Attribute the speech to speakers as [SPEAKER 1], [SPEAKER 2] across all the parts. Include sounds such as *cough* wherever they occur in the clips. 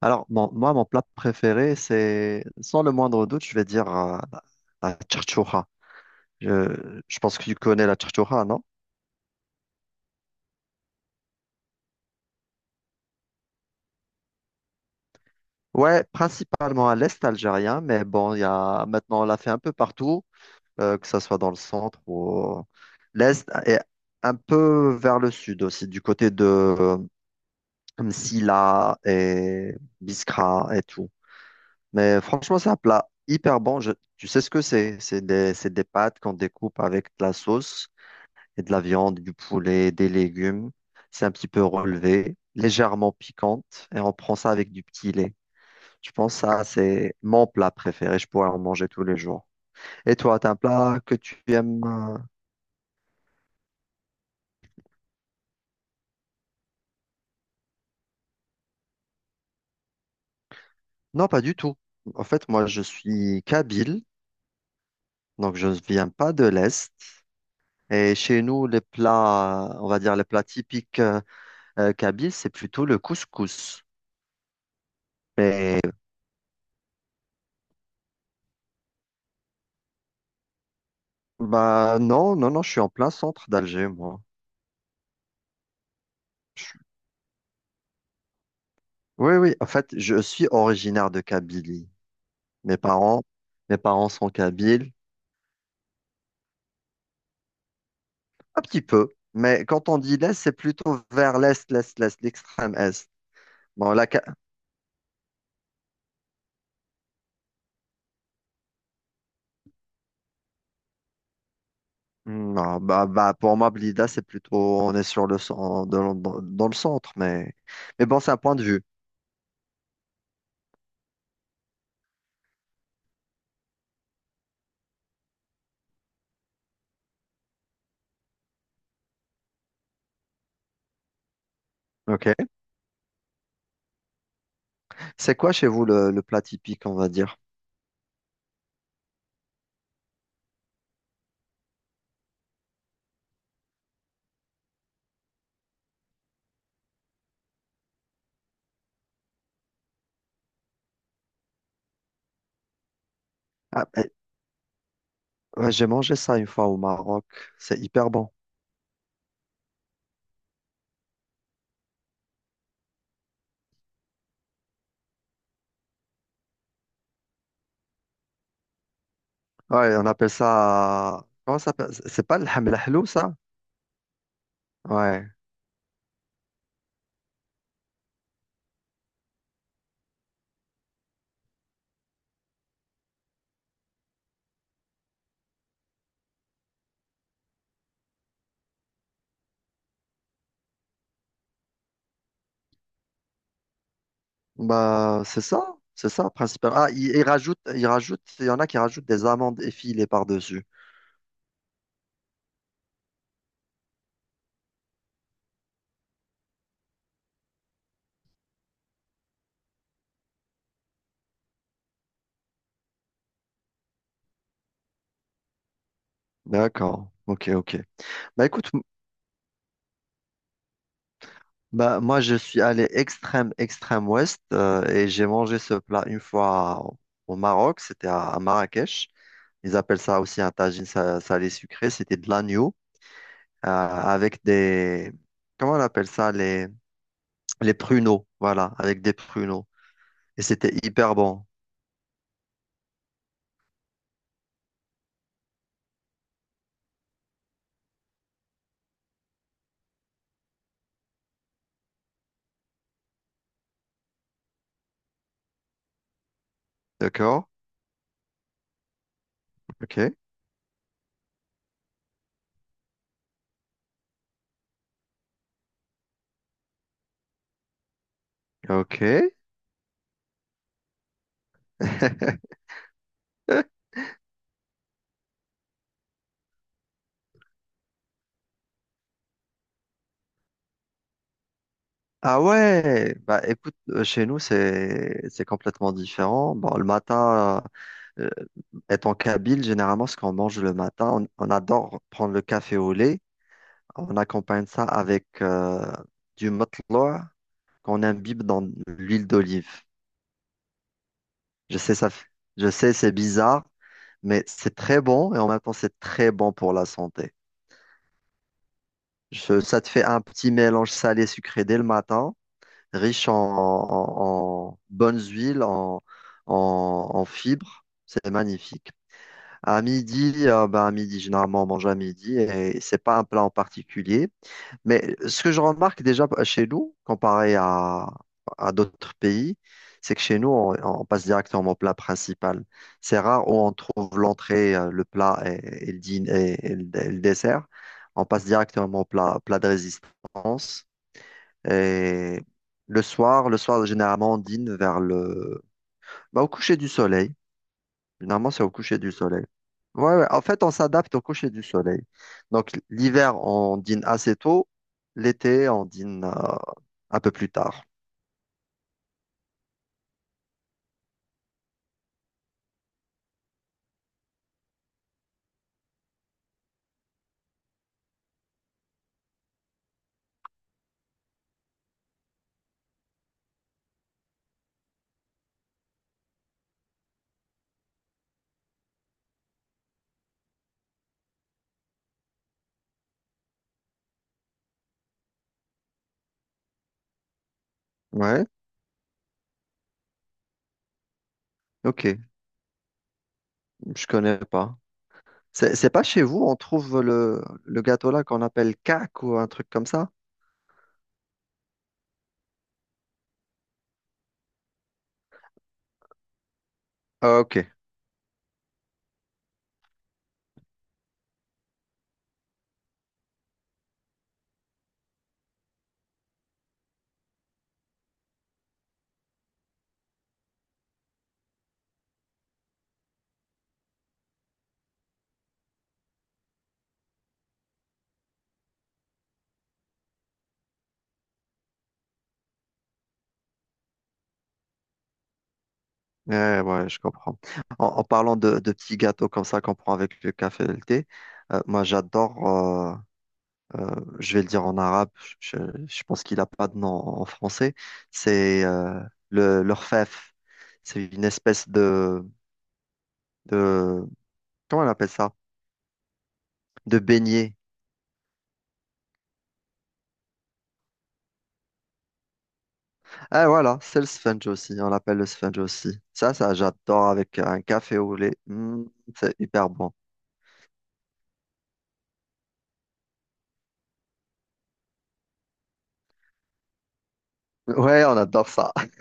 [SPEAKER 1] Alors, mon plat préféré, c'est, sans le moindre doute, je vais dire la la tchatchoura. Je pense que tu connais la tchatchoura, non? Ouais, principalement à l'est algérien, mais bon, il y a, maintenant, on l'a fait un peu partout, que ce soit dans le centre ou au- l'est, et un peu vers le sud aussi, du côté de Msila et Biskra et tout. Mais franchement, c'est un plat hyper bon. Tu sais ce que c'est? C'est des pâtes qu'on découpe avec de la sauce et de la viande, du poulet, des légumes. C'est un petit peu relevé, légèrement piquante, et on prend ça avec du petit lait. Je pense que ça, c'est mon plat préféré. Je pourrais en manger tous les jours. Et toi, t'as un plat que tu aimes? Non, pas du tout. En fait, moi, je suis kabyle, donc je ne viens pas de l'Est. Et chez nous, les plats, on va dire les plats typiques kabyles, c'est plutôt le couscous. Mais bah non, non, non, je suis en plein centre d'Alger, moi. Je Oui, oui, en fait, je suis originaire de Kabylie. Mes parents, mes parents sont kabyles, un petit peu. Mais quand on dit l'Est, c'est plutôt vers l'Est, l'Est, l'Est, l'extrême Est. Bon, la, Ka- Hmm, non, bah, bah, pour moi, Blida, c'est plutôt, on est sur le dans le centre, mais bon, c'est un point de vue. Ok. C'est quoi chez vous le plat typique, on va dire? Ah, eh, ouais, j'ai mangé ça une fois au Maroc. C'est hyper bon. Ouais, on appelle ça, comment ça s'appelle? C'est pas le hamlahlou, ça? Ouais. Bah, c'est ça, principalement. Ah, ils il rajoute, il rajoute, il y en a qui rajoutent des amandes effilées par-dessus. D'accord, ok, ok. Bah, écoute, bah, moi, je suis allé extrême, extrême ouest et j'ai mangé ce plat une fois au au Maroc, c'était à Marrakech. Ils appellent ça aussi un tagine salé sucré, c'était de l'agneau avec des, comment on appelle ça, les pruneaux, voilà, avec des pruneaux. Et c'était hyper bon, d'accord? Ok, ok. *laughs* Ah ouais, bah écoute, chez nous c'est complètement différent. Bon, le matin, euh, étant kabyle, généralement ce qu'on mange le matin, on adore prendre le café au lait. On accompagne ça avec du matloa qu'on imbibe dans l'huile d'olive. Je sais ça, f- je sais c'est bizarre, mais c'est très bon et en même temps c'est très bon pour la santé. Ça te fait un petit mélange salé-sucré dès le matin, riche en bonnes huiles, en fibres. C'est magnifique. À midi, ben, à midi, généralement, on mange à midi et c'est pas un plat en particulier. Mais ce que je remarque déjà chez nous, comparé à d'autres pays, c'est que chez nous, on passe directement au plat principal. C'est rare où on trouve l'entrée, le plat et et le dessert. On passe directement au plat, plat de résistance. Et le soir, généralement, on dîne vers le... Bah, au coucher du soleil. Généralement, c'est au coucher du soleil. Ouais, ouais. En fait, on s'adapte au coucher du soleil. Donc, l'hiver, on dîne assez tôt. L'été, on dîne un peu plus tard. Ouais, ok, je connais pas. C'est pas chez vous, on trouve le gâteau là qu'on appelle cac ou un truc comme ça? Ah, ok, ouais, ouais, je comprends. En parlant de petits gâteaux comme ça qu'on prend avec le café et le thé, moi j'adore. Euh, je vais le dire en arabe, je, je pense qu'il n'a pas de nom en français, c'est le, l'orfèvre. C'est une espèce de... Comment on appelle ça? De beignet. Ah voilà, c'est le sponge aussi, on l'appelle le sponge aussi. Ça, j'adore avec un café au lait. Mm, c'est hyper bon. Ouais, on adore ça. *laughs*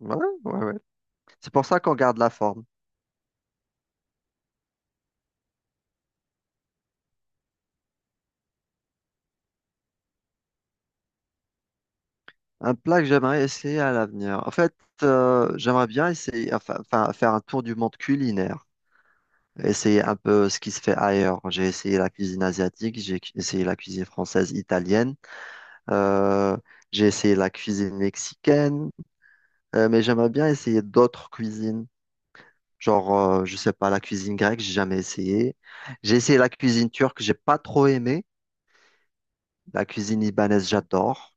[SPEAKER 1] Ouais, ouais, ouais. C'est pour ça qu'on garde la forme. Un plat que j'aimerais essayer à l'avenir. En fait, j'aimerais bien essayer, enfin, enfin, faire un tour du monde culinaire, essayer un peu ce qui se fait ailleurs. J'ai essayé la cuisine asiatique, essayé la cuisine française, italienne, euh, j'ai essayé la cuisine mexicaine, mais j'aimerais bien essayer d'autres cuisines. Genre, je sais pas, la cuisine grecque, j'ai jamais essayé. J'ai essayé la cuisine turque, j'ai pas trop aimé. La cuisine libanaise, j'adore.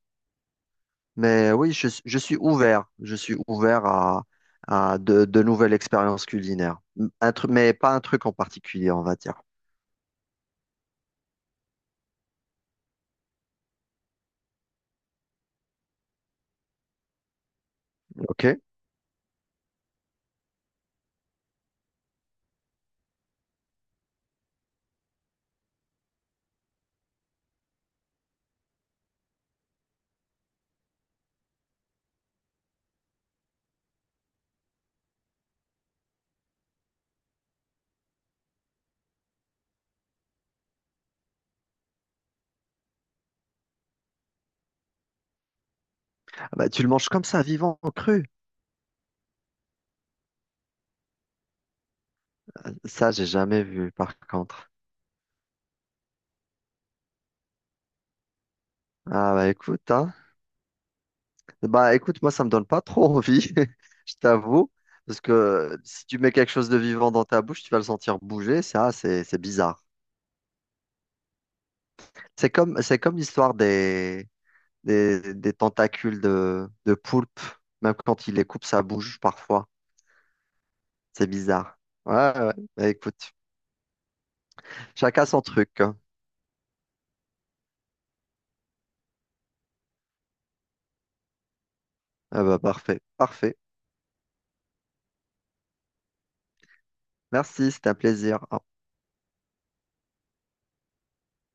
[SPEAKER 1] Mais oui, je suis ouvert. Je suis ouvert à, de nouvelles expériences culinaires. Un truc, mais pas un truc en particulier, on va dire. OK? Ah bah, tu le manges comme ça, vivant, cru. Ça, j'ai jamais vu, par contre. Ah, bah écoute, hein. Bah écoute, moi, ça me donne pas trop envie, *laughs* je t'avoue. Parce que si tu mets quelque chose de vivant dans ta bouche, tu vas le sentir bouger. Ça, c'est bizarre. C'est comme l'histoire des tentacules de poulpe. Même quand il les coupe, ça bouge parfois. C'est bizarre. Ouais, ouais, ouais. Bah écoute, chacun son truc, hein. Ah bah parfait, parfait. Merci, c'était un plaisir.